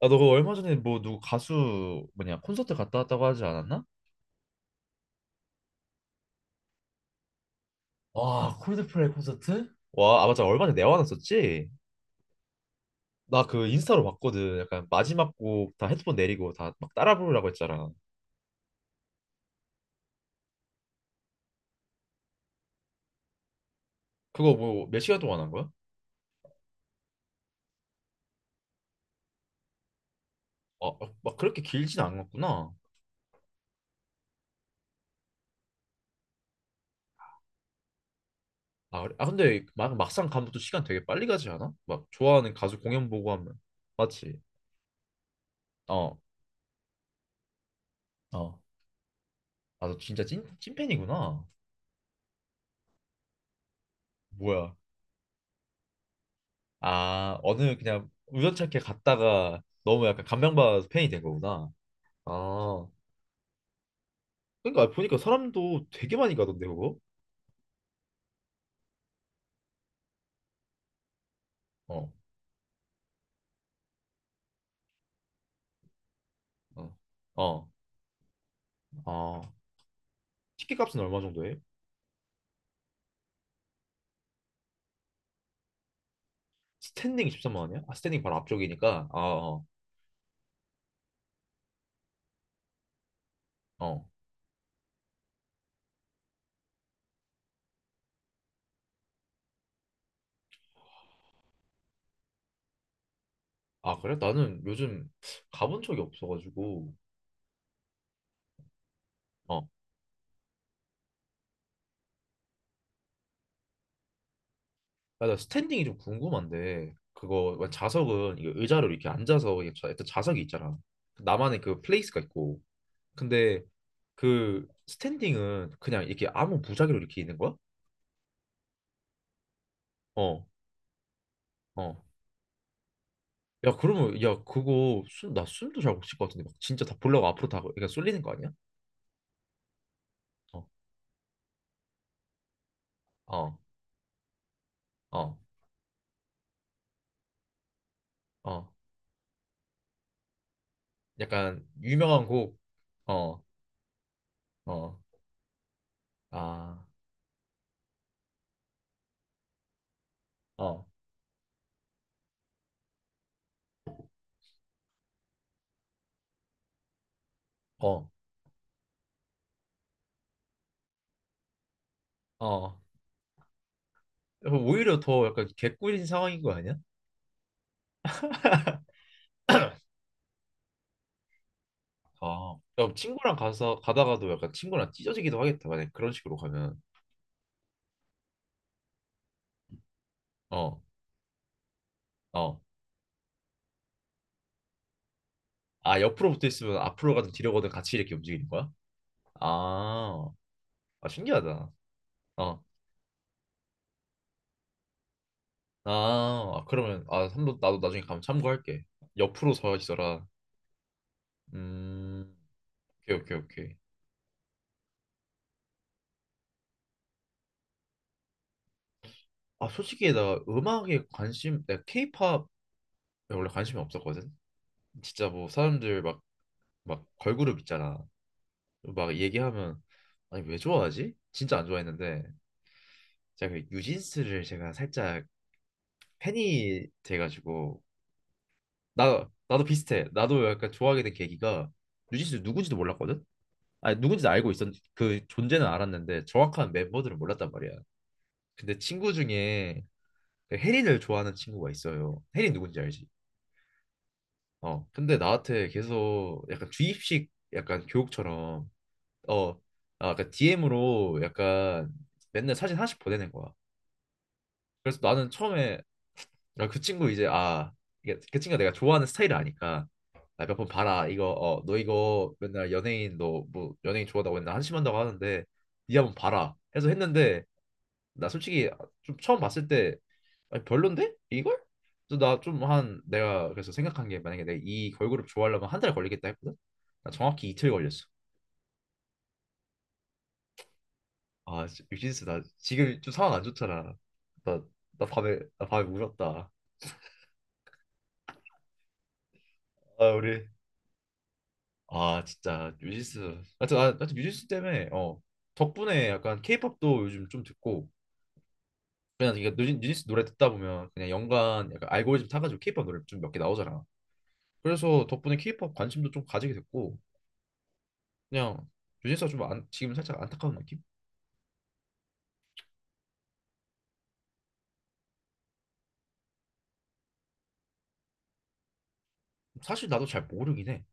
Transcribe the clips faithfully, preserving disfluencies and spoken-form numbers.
아, 너 그거 얼마 전에 뭐 누구 가수 뭐냐 콘서트 갔다 왔다고 하지 않았나? 와, 콜드플레이 콘서트? 와, 아 맞아 얼마 전에 내화 났었지? 나 그 인스타로 봤거든. 약간 마지막 곡 다 헤드폰 내리고 다 막 따라 부르라고 했잖아. 그거 뭐 몇 시간 동안 한 거야? 아, 아, 막 그렇게 길진 않았구나. 아, 그래? 아 근데 막 막상 가면 또 시간 되게 빨리 가지 않아? 막 좋아하는 가수 공연 보고 하면 맞지? 어, 어. 아 너 진짜 찐 찐팬이구나. 뭐야? 아, 어느 그냥 우연찮게 갔다가 너무 약간 감명받아서 팬이 된 거구나. 아, 그러니까 보니까 사람도 되게 많이 가던데 그거? 어, 어, 어, 어. 티켓 값은 얼마 정도 해? 스탠딩이 십삼만 원이야? 아, 스탠딩 바로 앞쪽이니까. 아, 어, 어. 아, 그래? 나는 요즘 가본 적이 없어가지고. 어, 아, 나 스탠딩이 좀 궁금한데 그거 왜 자석은 이거 의자로 이렇게 앉아서 이게 자- 일단 자석이 있잖아. 나만의 그 플레이스가 있고 근데 그 스탠딩은 그냥 이렇게 아무 무작위로 이렇게 있는 거야? 어, 어. 야, 그러면 야, 그거 숨, 나 숨도 잘 못 쉴 것 같은데 막 진짜 다 보려고 앞으로 다 그러니까 쏠리는 거 아니야? 어, 어, 어, 어. 약간 유명한 곡. 어, 어. 아, 어, 어, 어. 야, 오히려 더 약간 개꿀인 상황인 거 아니야? 아, 야, 친구랑 가서 가다가도 약간 친구랑 찢어지기도 하겠다. 만약 그런 식으로 가면. 어, 어. 아, 옆으로 붙어 있으면 앞으로 가든 뒤로 가든 같이 이렇게 움직이는 거야? 아, 아 신기하다. 어. 아, 아, 그러면 아 한번 나도 나중에 가면 참고할게. 옆으로 서 있어라. 음, 오케이 오케이 오케이. 아 솔직히 나 음악에 관심, 내가 케이팝에 원래 관심이 없었거든. 진짜 뭐 사람들 막 막 걸그룹 있잖아. 막 얘기하면 아니 왜 좋아하지? 진짜 안 좋아했는데 제가 그 유진스를 제가 살짝 팬이 돼가지고 나 나도 비슷해. 나도 약간 좋아하게 된 계기가 유진스 누군지도 몰랐거든. 아니 누군지 알고 있었 그 존재는 알았는데 정확한 멤버들은 몰랐단 말이야. 근데 친구 중에 혜린을 좋아하는 친구가 있어요. 혜린 누군지 알지? 어. 근데 나한테 계속 약간 주입식 약간 교육처럼 어, 아, 약간 디엠으로 약간 맨날 사진 하나씩 보내는 거야. 그래서 나는 처음에 아, 그 친구 이제 아, 이게 그 친구가 내가 좋아하는 스타일을 아니까 아, 몇 번 봐라. 이거 어, 너 이거 맨날 연예인 너 뭐 연예인 좋아한다고 맨날 한심한다고 하는데 니 한번 봐라. 해서 했는데 나 솔직히 좀 처음 봤을 때 아니, 별론데? 이걸? 그래서 나 좀 한 내가 그래서 생각한 게 만약에 내가 이 걸그룹 좋아하려면 한 달 걸리겠다 했거든? 나 정확히 이틀 걸렸어. 아, 뮤 유진스 나 지금 좀 상황 안 좋잖아. 나, 나 밤에 나 밤에 울었다. 아, 우리 아, 진짜 유진스. 하여튼 아 하여튼 유진스 때문에 어 덕분에 약간 케이팝도 요즘 좀 듣고 그냥 이게 뉴진- 뉴진스 노래 듣다 보면 그냥 연관 약간 알고리즘 타가지고 케이팝 노래 좀 몇 개 나오잖아. 그래서 덕분에 케이팝 관심도 좀 가지게 됐고 그냥 요진스가 좀 안, 지금 살짝 안타까운 느낌? 사실 나도 잘 모르긴 해.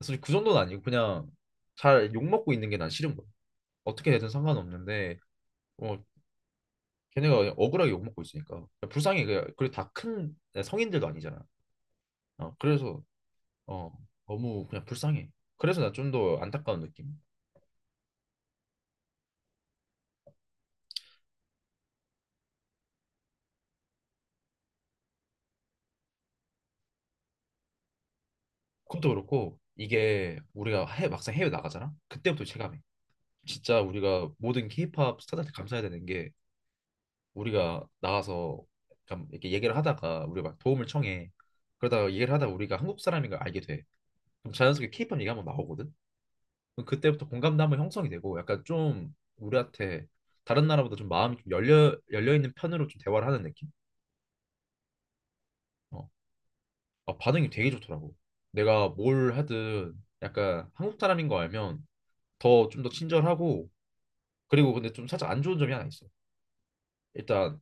사실 그 정도는 아니고 그냥 잘 욕먹고 있는 게 난 싫은 거야. 어떻게 되든 상관없는데 어, 걔네가 그냥 억울하게 욕먹고 있으니까 불쌍해. 그냥 그리고 다 큰 성인들도 아니잖아. 어, 그래서 어, 너무 그냥 불쌍해. 그래서 나 좀 더 안타까운 느낌. 그것도 그렇고 이게 우리가 해, 막상 해외 나가잖아. 그때부터 체감해. 진짜 우리가 모든 케이팝 스타들한테 감사해야 되는 게 우리가 나가서 약간 이렇게 얘기를 하다가 우리가 막 도움을 청해. 그러다가 얘기를 하다가 우리가 한국 사람인 걸 알게 돼. 그럼 자연스럽게 케이팝 얘기 한번 나오거든. 그럼 그때부터 공감도 한번 형성이 되고 약간 좀 우리한테 다른 나라보다 좀 마음이 좀 열려 열려 있는 편으로 좀 대화를 하는 느낌? 어. 아, 반응이 되게 좋더라고. 내가 뭘 하든 약간 한국 사람인 거 알면 더 좀 더 친절하고 그리고 근데 좀 살짝 안 좋은 점이 하나 있어. 일단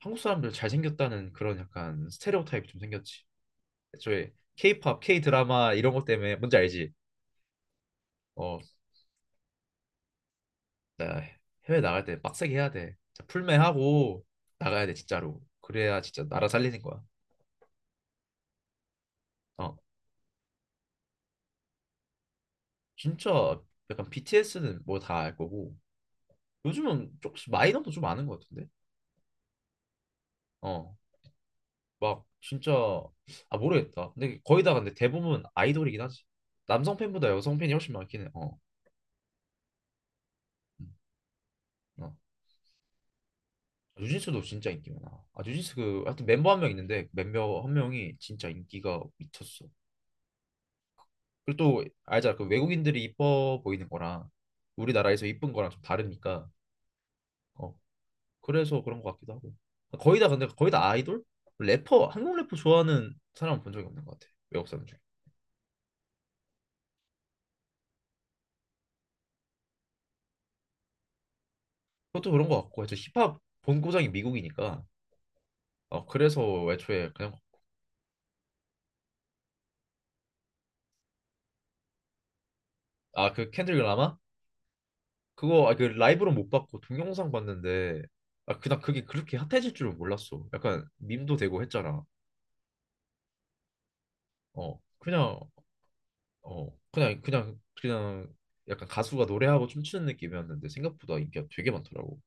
한국 사람들 잘생겼다는 그런 약간 스테레오타입이 좀 생겼지. 애초에 K-팝, K-드라마 이런 것 때문에 뭔지 알지? 어, 나 해외 나갈 때 빡세게 해야 돼. 진짜 풀매하고 나가야 돼 진짜로. 그래야 진짜 나라 살리는 거야. 어, 진짜 약간 비티에스는 뭐 다 알 거고 요즘은 조금씩 마이너도 좀 아는 것 같은데. 어, 막 진짜 아 모르겠다. 근데 거의 다 근데 대부분 아이돌이긴 하지. 남성 팬보다 여성 팬이 훨씬 많긴 해. 어. 음, 어. 뉴진스도 진짜 인기 많아. 아, 뉴진스 그 하여튼 멤버 한 명 있는데 멤버 한 명이 진짜 인기가 미쳤어. 그리고 또 알잖아 그 외국인들이 이뻐 보이는 거랑 우리나라에서 이쁜 거랑 좀 다르니까 어 그래서 그런 것 같기도 하고 거의 다 근데 거의 다 아이돌 래퍼 한국 래퍼 좋아하는 사람은 본 적이 없는 것 같아 외국 사람 중에 그것도 그런 것 같고 이제 힙합 본고장이 미국이니까 어 그래서 애초에 그냥 아 그 켄드릭 라마 그거 아, 그 라이브로 못 봤고 동영상 봤는데 아 그냥 그게 그렇게 핫해질 줄은 몰랐어 약간 밈도 되고 했잖아 어 그냥 어 그냥 그냥 그냥 약간 가수가 노래하고 춤추는 느낌이었는데 생각보다 인기가 되게 많더라고.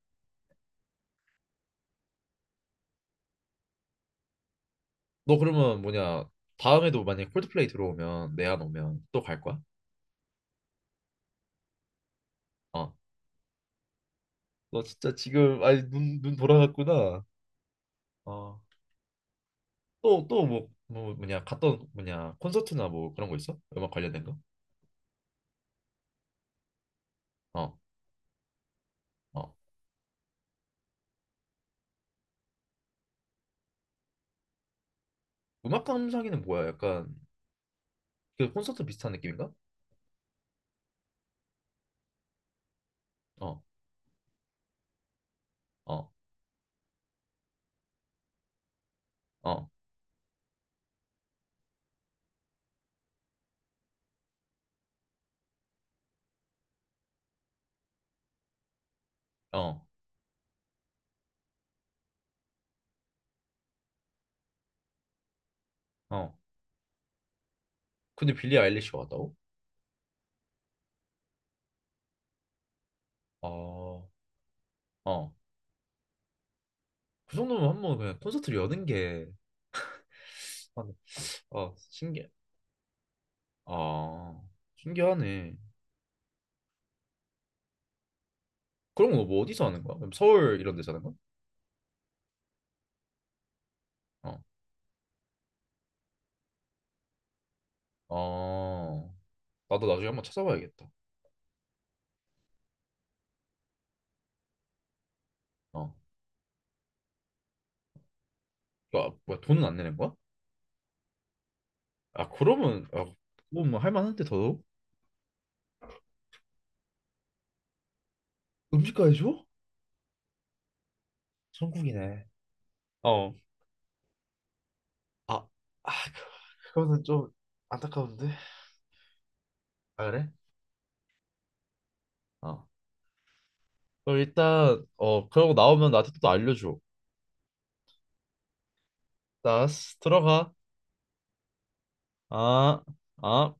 너 그러면 뭐냐 다음에도 만약 콜드플레이 들어오면 내한 오면 또 갈 거야? 어. 너 진짜 지금 아니 눈 눈 돌아갔구나. 어. 또 또 뭐 뭐 뭐냐 갔던 뭐냐 콘서트나 뭐 그런 거 있어? 음악 관련된 거? 어. 어. 음악 감상회는 뭐야? 약간 그 콘서트 비슷한 느낌인가? 어. 어. 어. 어. 어. 근데 빌리 아일리시가 왔다고? 어. 어. 그 정도면 한 번 그냥 콘서트를 여는 게, 아, 신기해. 아, 신기하네. 그런 거 뭐 어디서 하는 거야? 그럼 서울 이런 데서 하는 거야? 어. 아, 나도 나중에 한번 찾아봐야겠다. 어. 아, 뭐야, 돈은 안 내는 거야? 아, 그러면, 아, 그건 뭐 할만한데 더더욱? 음식까지 줘? 천국이네. 어. 아, 아, 그- 그거는 좀 안타까운데. 아, 그래? 어. 그럼 일단, 어, 그러고 나오면 나한테 또 알려줘. 나 들어가. 아, 아.